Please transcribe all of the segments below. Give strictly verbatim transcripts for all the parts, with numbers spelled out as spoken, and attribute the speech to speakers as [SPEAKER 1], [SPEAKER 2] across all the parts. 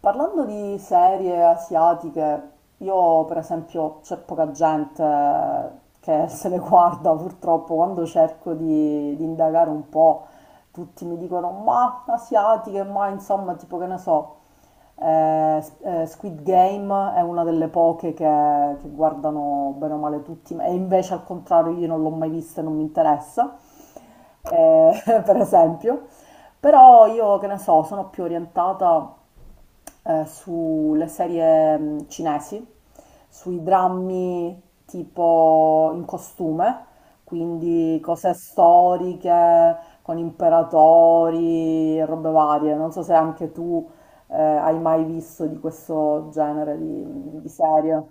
[SPEAKER 1] Parlando di serie asiatiche, io per esempio c'è poca gente che se le guarda purtroppo, quando cerco di, di indagare un po', tutti mi dicono ma asiatiche, ma insomma tipo che ne so, eh, S- eh, Squid Game è una delle poche che, che guardano bene o male tutti, e invece al contrario io non l'ho mai vista e non mi interessa, eh, per esempio. Però io che ne so, sono più orientata eh, sulle serie mm, cinesi, sui drammi tipo in costume, quindi cose storiche con imperatori e robe varie. Non so se anche tu eh, hai mai visto di questo genere di, di serie.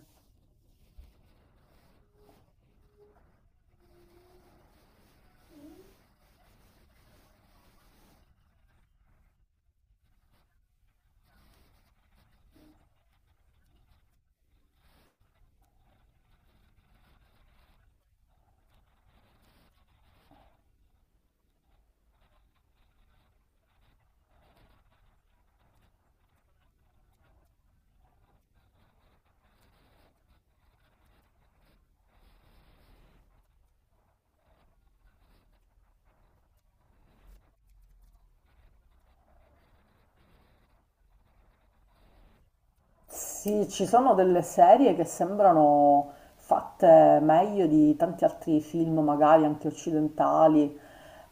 [SPEAKER 1] Sì, ci sono delle serie che sembrano fatte meglio di tanti altri film, magari anche occidentali.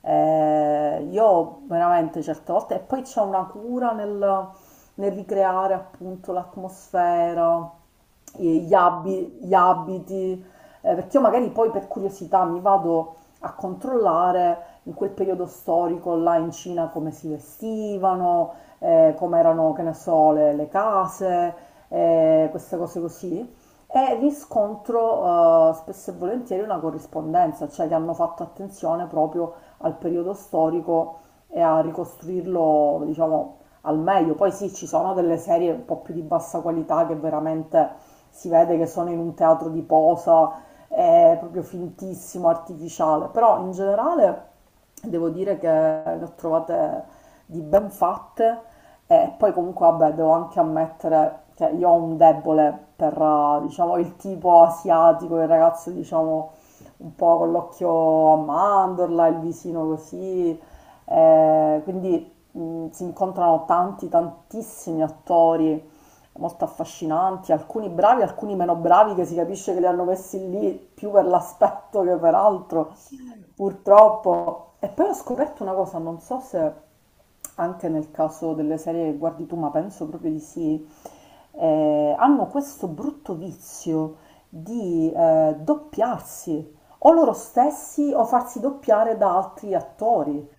[SPEAKER 1] Eh, io veramente certe volte, e poi c'è una cura nel, nel ricreare appunto l'atmosfera, e gli abi- gli abiti, eh, perché io magari poi per curiosità mi vado a controllare in quel periodo storico là in Cina come si vestivano, eh, come erano, che ne so, le, le case, eh, queste cose così, e riscontro eh, spesso e volentieri una corrispondenza, cioè che hanno fatto attenzione proprio al periodo storico e a ricostruirlo, diciamo, al meglio. Poi sì, ci sono delle serie un po' più di bassa qualità che veramente si vede che sono in un teatro di posa, è proprio fintissimo, artificiale, però in generale devo dire che ne ho trovate di ben fatte e poi comunque vabbè, devo anche ammettere che io ho un debole per, eh, diciamo, il tipo asiatico, il ragazzo, diciamo, un po' con l'occhio a mandorla, il visino così. Eh, quindi mh, si incontrano tanti, tantissimi attori molto affascinanti, alcuni bravi, alcuni meno bravi, che si capisce che li hanno messi lì più per l'aspetto che per altro. Purtroppo. E poi ho scoperto una cosa, non so se anche nel caso delle serie che guardi tu, ma penso proprio di sì, eh, hanno questo brutto vizio di eh, doppiarsi o loro stessi o farsi doppiare da altri attori.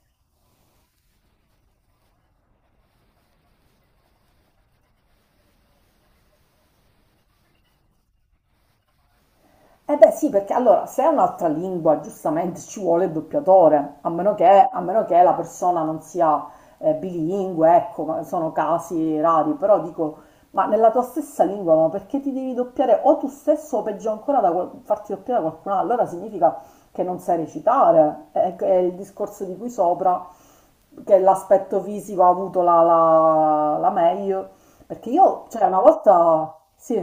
[SPEAKER 1] Eh beh sì, perché allora se è un'altra lingua giustamente ci vuole il doppiatore, a meno che, a meno che la persona non sia eh, bilingue, ecco, ma sono casi rari, però dico, ma nella tua stessa lingua, ma perché ti devi doppiare o tu stesso o peggio ancora da qual- farti doppiare da qualcun altro? Allora significa che non sai recitare, è, è il discorso di qui sopra, che l'aspetto fisico ha avuto la, la, la meglio, perché io, cioè una volta, sì,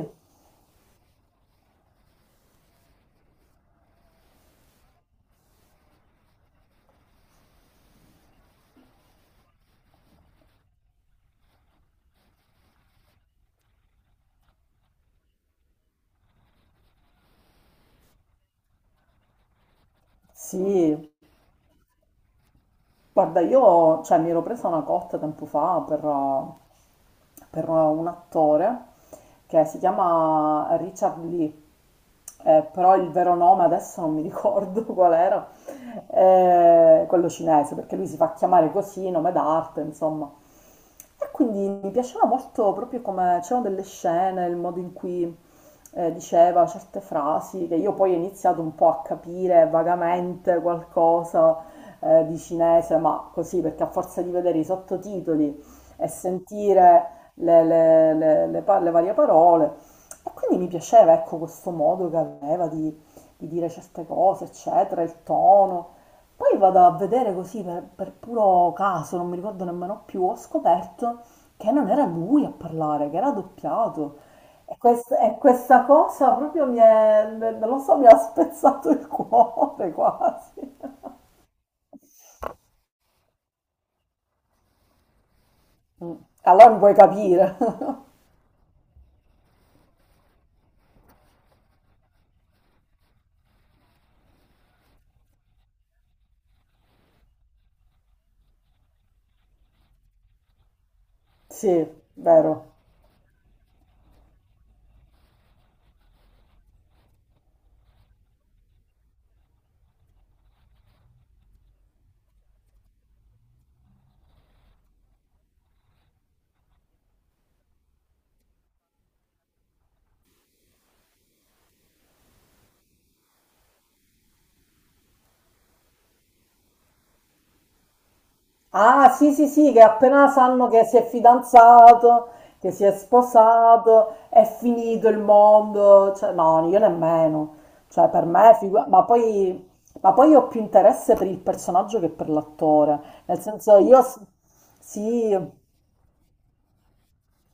[SPEAKER 1] sì, guarda, io cioè, mi ero presa una cotta tempo fa per, uh, per uh, un attore che si chiama Richard Lee, eh, però il vero nome adesso non mi ricordo qual era, eh, quello cinese, perché lui si fa chiamare così, nome d'arte, insomma. E quindi mi piaceva molto proprio come c'erano delle scene, il modo in cui eh, diceva certe frasi, che io poi ho iniziato un po' a capire vagamente qualcosa eh, di cinese, ma così perché a forza di vedere i sottotitoli e sentire le, le- le- le pa- le varie parole. E quindi mi piaceva, ecco, questo modo che aveva di, di dire certe cose, eccetera, il tono. Poi vado a vedere così per, per puro caso, non mi ricordo nemmeno più, ho scoperto che non era lui a parlare, che era doppiato. E, quest- e questa cosa proprio mi è, non lo so, mi ha spezzato il cuore quasi. Mm. Allora non puoi capire. Sì, vero. Ah, sì, sì, sì, che appena sanno che si è fidanzato, che si è sposato, è finito il mondo. Cioè, no, io nemmeno. Cioè, per me, figu- ma poi, ma poi io ho più interesse per il personaggio che per l'attore. Nel senso, io s- sì,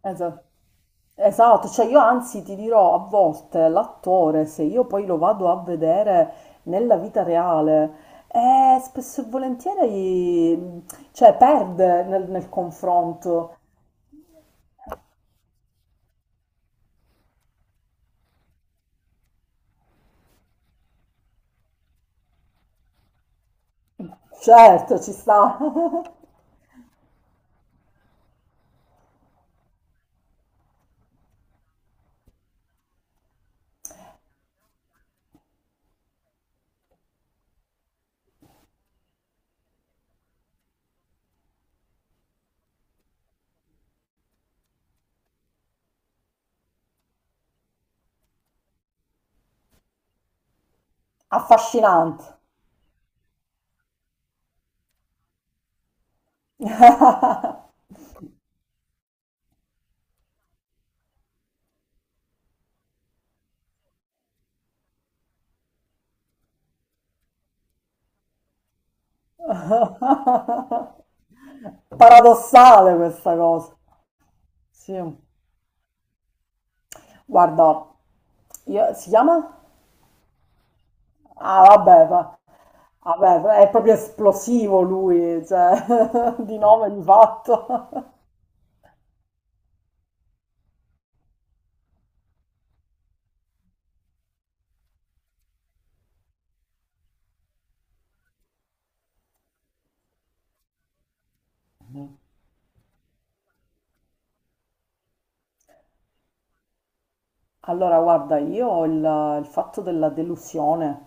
[SPEAKER 1] esatto. Esatto, cioè io anzi ti dirò a volte l'attore, se io poi lo vado a vedere nella vita reale, eh, spesso e volentieri, cioè, perde nel, nel confronto. Certo, ci sta. Affascinante. Paradossale questa cosa. Sì. Guarda, io- si chiama? Ah, vabbè, va- vabbè, è proprio esplosivo lui, cioè, di nome di fatto. Allora, guarda, io ho il, il fatto della delusione,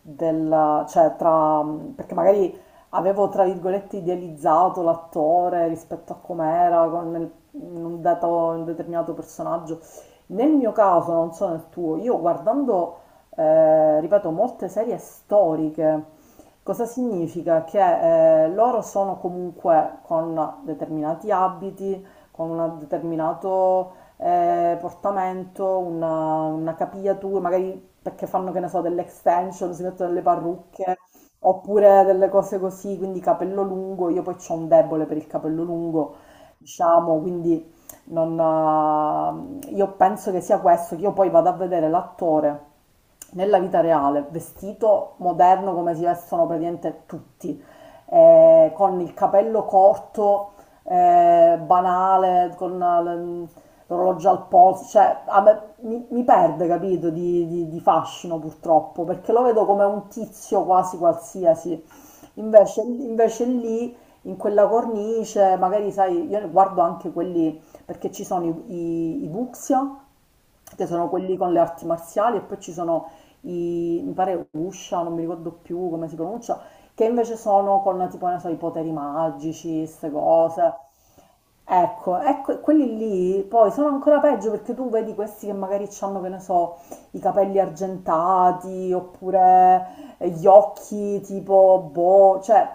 [SPEAKER 1] della, cioè tra, perché magari avevo tra virgolette idealizzato l'attore rispetto a com'era con nel- in un, dato, un determinato personaggio. Nel mio caso, non so nel tuo, io guardando, eh, ripeto, molte serie storiche, cosa significa? Che eh, loro sono comunque con determinati abiti, con un determinato eh, portamento, una, una capigliatura, magari perché fanno, che ne so, delle extension, si mettono delle parrucche, oppure delle cose così, quindi capello lungo, io poi ho un debole per il capello lungo, diciamo, quindi non, eh, io penso che sia questo, che io poi vado a vedere l'attore nella vita reale, vestito moderno come si vestono praticamente tutti, eh, con il capello corto, eh, banale, con l- l'orologio al polso, cioè a me- mi, mi perde, capito, di, di- di fascino purtroppo, perché lo vedo come un tizio quasi qualsiasi. Invece, invece lì, in quella cornice, magari sai, io guardo anche quelli, perché ci sono i, i, i Buxia, che sono quelli con le arti marziali, e poi ci sono i, mi pare Usha, non mi ricordo più come si pronuncia, che invece sono con tipo, non so, i poteri magici, queste cose. Ecco, ecco, quelli lì poi sono ancora peggio perché tu vedi questi che magari hanno, che ne so, i capelli argentati oppure eh, gli occhi tipo boh, cioè,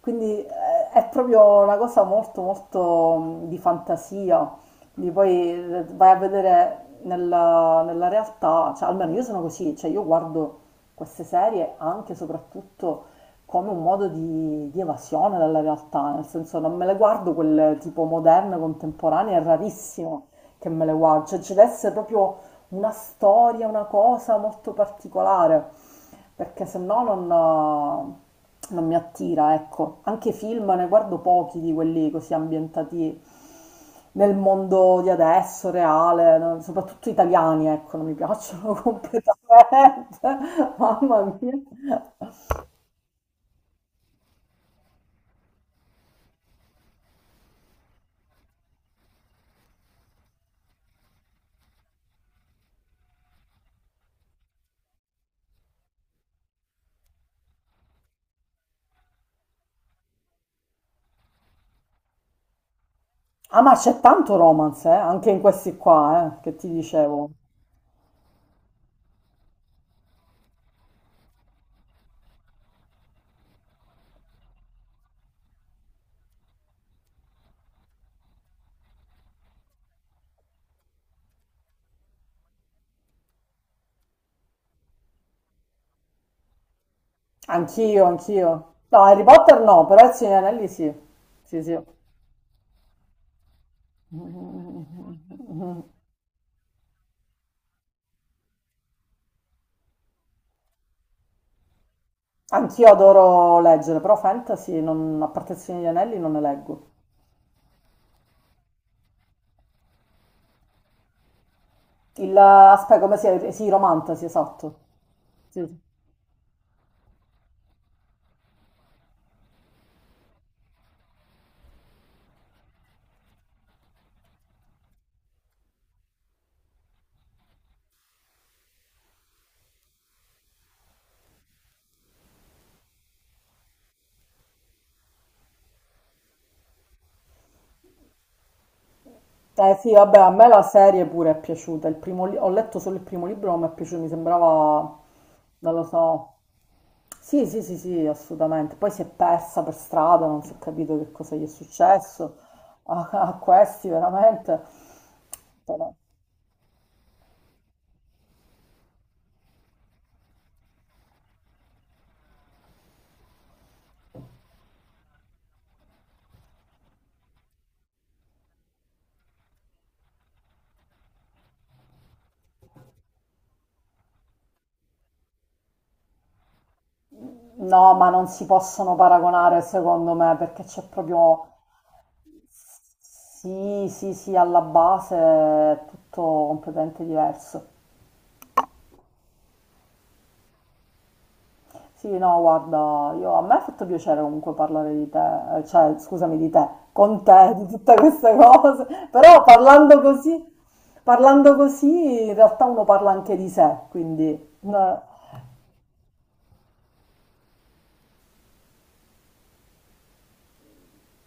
[SPEAKER 1] quindi eh, è proprio una cosa molto molto mm, di fantasia. Quindi poi eh, vai a vedere nella, nella realtà, cioè almeno io sono così, cioè io guardo queste serie anche e soprattutto come un modo di, di evasione dalla realtà, nel senso non me le guardo quelle tipo moderne, contemporanee, è rarissimo che me le guardo, cioè ci deve essere proprio una storia, una cosa molto particolare, perché se no non, eh, non mi attira, ecco. Anche film ne guardo pochi di quelli così ambientati nel mondo di adesso, reale, no? Soprattutto italiani, ecco, non mi piacciono completamente, mamma mia. Ah, ma c'è tanto romance, eh, anche in questi qua, eh, che ti dicevo. Anch'io, anch'io. No, Harry Potter no, però il Signore degli Anelli sì. Sì, sì. Anch'io adoro leggere, però fantasy, non, a parte il Signore degli Anelli, non ne leggo. Il, aspetta, come si è? Sì, romantasy, esatto. Sì. Eh sì, vabbè, a me la serie pure è piaciuta. Il primo li- ho letto solo il primo libro, non mi è piaciuto, mi sembrava, non lo so. Sì, sì, sì, sì, assolutamente. Poi si è persa per strada, non si è capito che cosa gli è successo a, a questi, veramente. Però- No, ma non si possono paragonare secondo me perché c'è proprio... Sì, sì, sì, alla base è tutto completamente diverso. Sì, no, guarda, io, a me ha fatto piacere comunque parlare di te, eh, cioè scusami di te, con te, di tutte queste cose, però parlando così, parlando così in realtà uno parla anche di sé, quindi... eh.